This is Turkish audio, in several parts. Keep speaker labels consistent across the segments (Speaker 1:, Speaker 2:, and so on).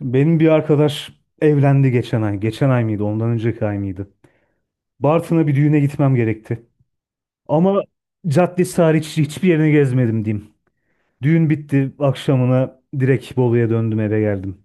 Speaker 1: Benim bir arkadaş evlendi geçen ay. Geçen ay mıydı? Ondan önceki ay mıydı? Bartın'a bir düğüne gitmem gerekti. Ama caddesi hariç hiçbir yerini gezmedim diyeyim. Düğün bitti. Akşamına direkt Bolu'ya döndüm eve geldim.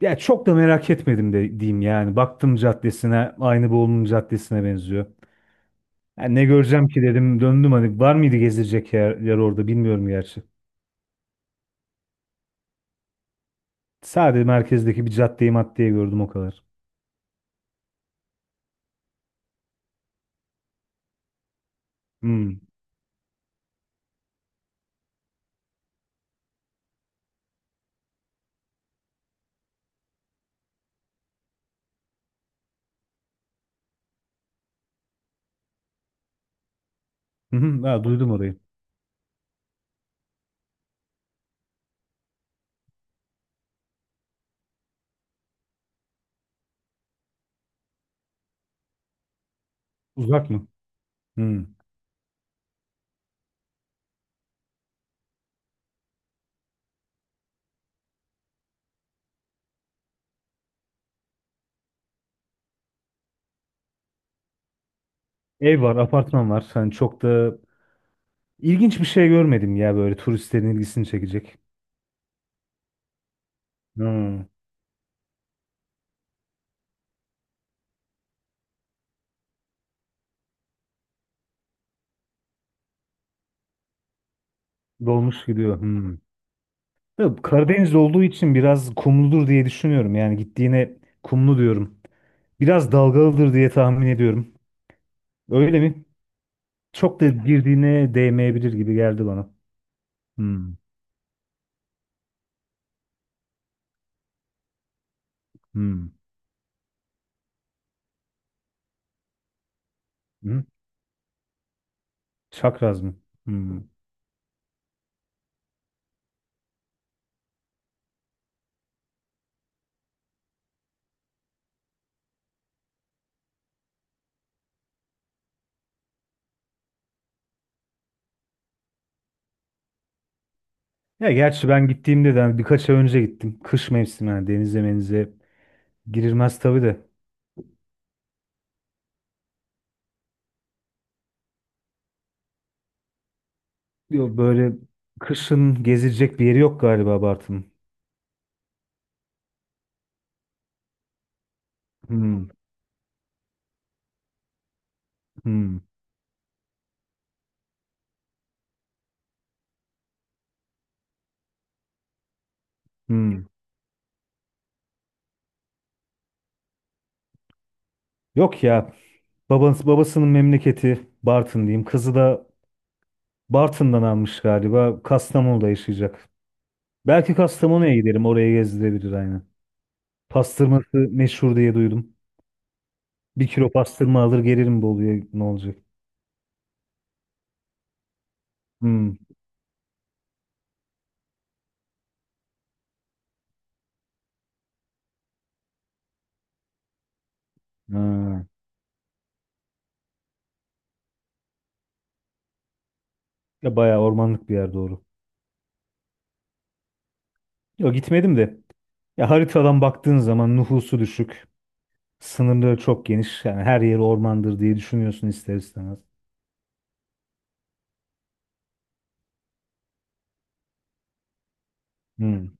Speaker 1: Ya çok da merak etmedim de diyeyim yani. Baktım caddesine aynı Bolu'nun caddesine benziyor. Ya ne göreceğim ki dedim döndüm hani var mıydı gezilecek yer, orada bilmiyorum gerçi. Sadece merkezdeki bir caddeyi maddeye gördüm o kadar. Hmm. Hı hı. Ha, duydum orayı. Uzak mı? Hmm. Ev var, apartman var. Hani çok da ilginç bir şey görmedim ya böyle turistlerin ilgisini çekecek. Hmm. Dolmuş gidiyor. Hmm. Tabii Karadeniz olduğu için biraz kumludur diye düşünüyorum. Yani gittiğine kumlu diyorum. Biraz dalgalıdır diye tahmin ediyorum. Öyle mi? Çok da girdiğine değmeyebilir gibi geldi bana. Hmm. Hmm. Hmm. Çakraz mı? Hmm. Ya gerçi ben gittiğimde de hani birkaç ay önce gittim. Kış mevsimi yani denize menize girilmez tabii de. Yo, böyle kışın gezilecek bir yeri yok galiba Bartın. Hmm, hmm, hmm. Yok ya. Babasının memleketi Bartın diyeyim. Kızı da Bartın'dan almış galiba. Kastamonu'da yaşayacak. Belki Kastamonu'ya giderim. Oraya gezdirebilir aynen. Pastırması meşhur diye duydum. Bir kilo pastırma alır gelirim Bolu'ya ne olacak? Hmm. Ha. Ya bayağı ormanlık bir yer doğru. Yok gitmedim de. Ya haritadan baktığın zaman nüfusu düşük. Sınırları çok geniş. Yani her yeri ormandır diye düşünüyorsun ister istemez. Hmm.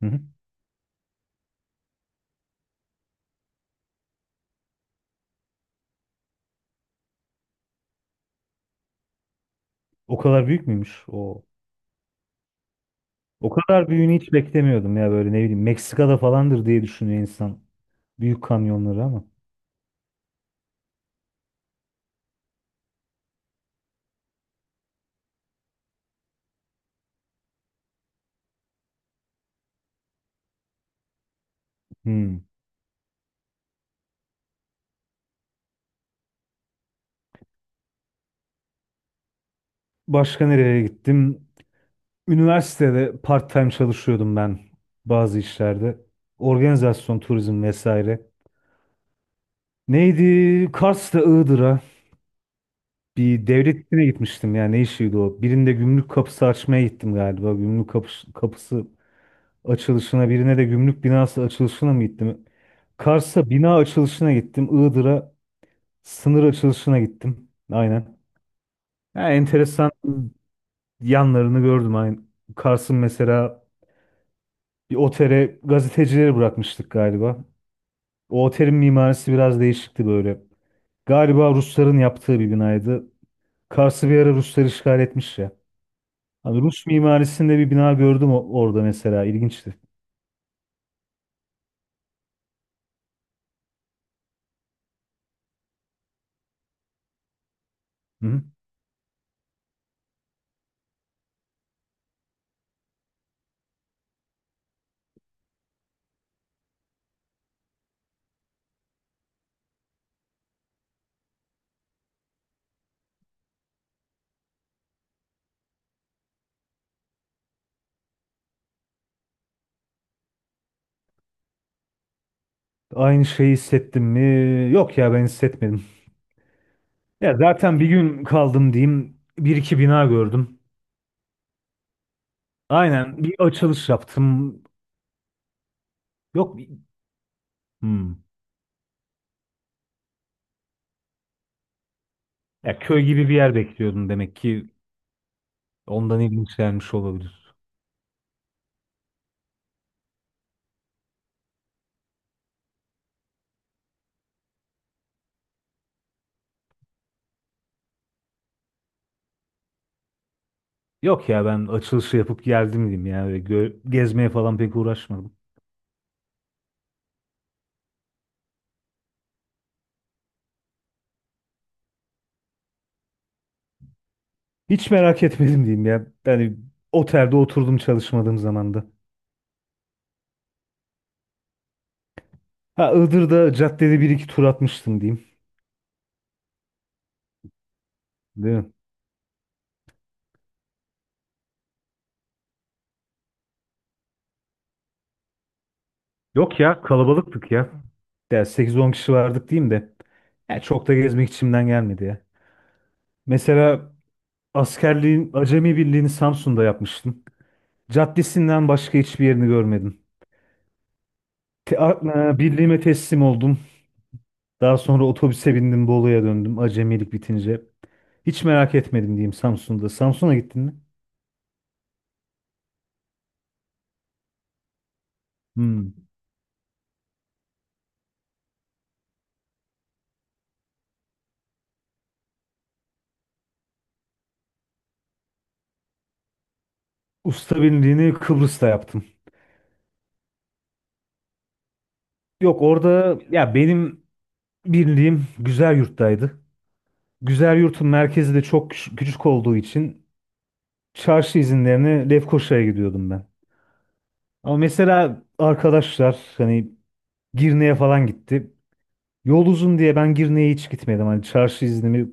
Speaker 1: Hı hı. O kadar büyük müymüş o? O kadar büyüğünü hiç beklemiyordum ya böyle ne bileyim Meksika'da falandır diye düşünüyor insan. Büyük kamyonları ama. Hmm. Başka nereye gittim? Üniversitede part-time çalışıyordum ben bazı işlerde. Organizasyon, turizm vesaire. Neydi? Kars'ta Iğdır'a bir devlet işine gitmiştim ya ne işiydi o? Birinde gümrük kapısı açmaya gittim galiba. Gümrük kapısı, açılışına birine de gümrük binası açılışına mı gittim? Kars'a bina açılışına gittim. Iğdır'a sınır açılışına gittim. Aynen. Yani enteresan yanlarını gördüm. Aynen. Kars'ın mesela bir otele gazetecileri bırakmıştık galiba. O otelin mimarisi biraz değişikti böyle. Galiba Rusların yaptığı bir binaydı. Kars'ı bir ara Ruslar işgal etmiş ya. Hani Rus mimarisinde bir bina gördüm orada mesela. İlginçti. Hı hı. Aynı şeyi hissettim mi? Yok ya ben hissetmedim. Ya zaten bir gün kaldım diyeyim. Bir iki bina gördüm. Aynen bir açılış yaptım. Yok bir- Hmm. Ya köy gibi bir yer bekliyordum demek ki ondan ilginç gelmiş olabilir. Yok ya ben açılışı yapıp geldim diyeyim ya. Öyle gezmeye falan pek uğraşmadım. Hiç merak etmedim diyeyim ya. Yani otelde oturdum çalışmadığım zamanda. Ha Iğdır'da caddede bir iki tur atmıştım diyeyim. Değil mi? Yok ya kalabalıktık ya. Ya 8-10 kişi vardık diyeyim de. Ya çok da gezmek içimden gelmedi ya. Mesela askerliğin Acemi Birliği'ni Samsun'da yapmıştım. Caddesinden başka hiçbir yerini görmedim. Birliğime teslim oldum. Daha sonra otobüse bindim Bolu'ya döndüm acemilik bitince. Hiç merak etmedim diyeyim Samsun'da. Samsun'a gittin mi? Hmm. Usta birliğini Kıbrıs'ta yaptım. Yok orada ya benim birliğim Güzelyurt'taydı. Güzelyurt'un merkezi de çok küçük olduğu için çarşı izinlerine Lefkoşa'ya gidiyordum ben. Ama mesela arkadaşlar hani Girne'ye falan gitti. Yol uzun diye ben Girne'ye hiç gitmedim. Hani çarşı iznimi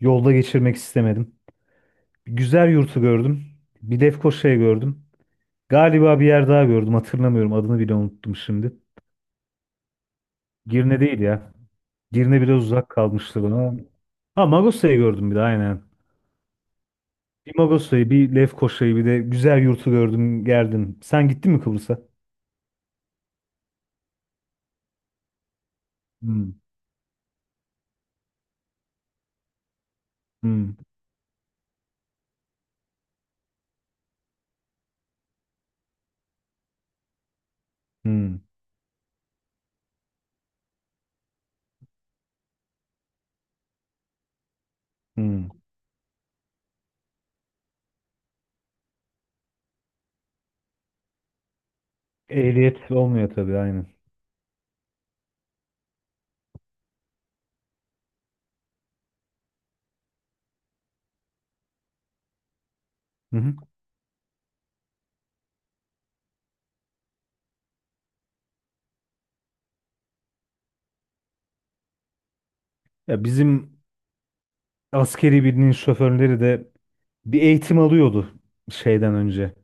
Speaker 1: yolda geçirmek istemedim. Güzel yurtu gördüm. Bir Lefkoşa'yı gördüm. Galiba bir yer daha gördüm. Hatırlamıyorum. Adını bile unuttum şimdi. Girne değil ya. Girne biraz uzak kalmıştı bana. Ha Magosa'yı gördüm bir de aynen. Bir Magosa'yı, bir Lefkoşa'yı, bir de güzel yurtu gördüm, gerdim. Sen gittin mi Kıbrıs'a? Hmm, hmm, hmm, hmm. Ehliyet olmuyor tabii aynen. Hı hı. Ya bizim askeri birinin şoförleri de bir eğitim alıyordu şeyden önce.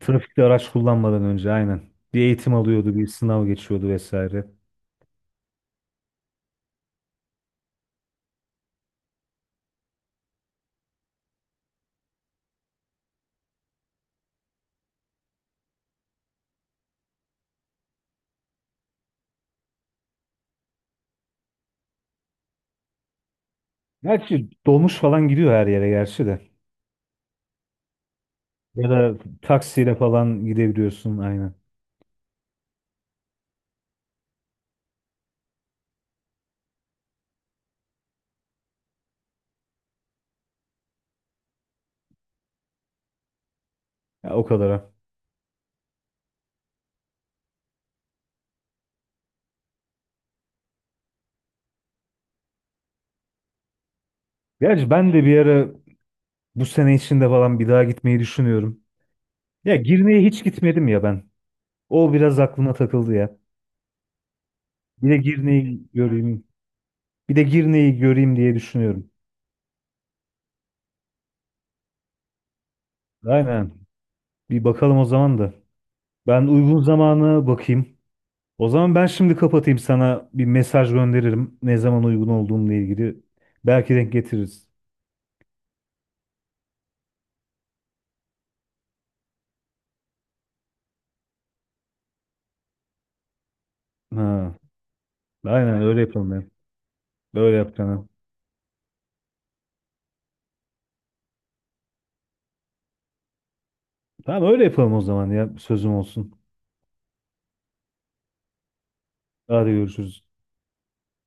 Speaker 1: Trafikte araç kullanmadan önce aynen. Bir eğitim alıyordu, bir sınav geçiyordu vesaire. Gerçi dolmuş falan gidiyor her yere gerçi de. Ya da taksiyle falan gidebiliyorsun aynen. Ya o kadara. Gerçi ben de bir ara bu sene içinde falan bir daha gitmeyi düşünüyorum. Ya Girne'ye hiç gitmedim ya ben. O biraz aklıma takıldı ya. Bir de Girne'yi göreyim. Bir de Girne'yi göreyim diye düşünüyorum. Aynen. Bir bakalım o zaman da. Ben uygun zamana bakayım. O zaman ben şimdi kapatayım sana bir mesaj gönderirim. Ne zaman uygun olduğumla ilgili. Belki denk getiririz. Ha, aynen öyle yapalım ya. Öyle yapalım. Tamam öyle yapalım o zaman ya. Sözüm olsun. Hadi görüşürüz.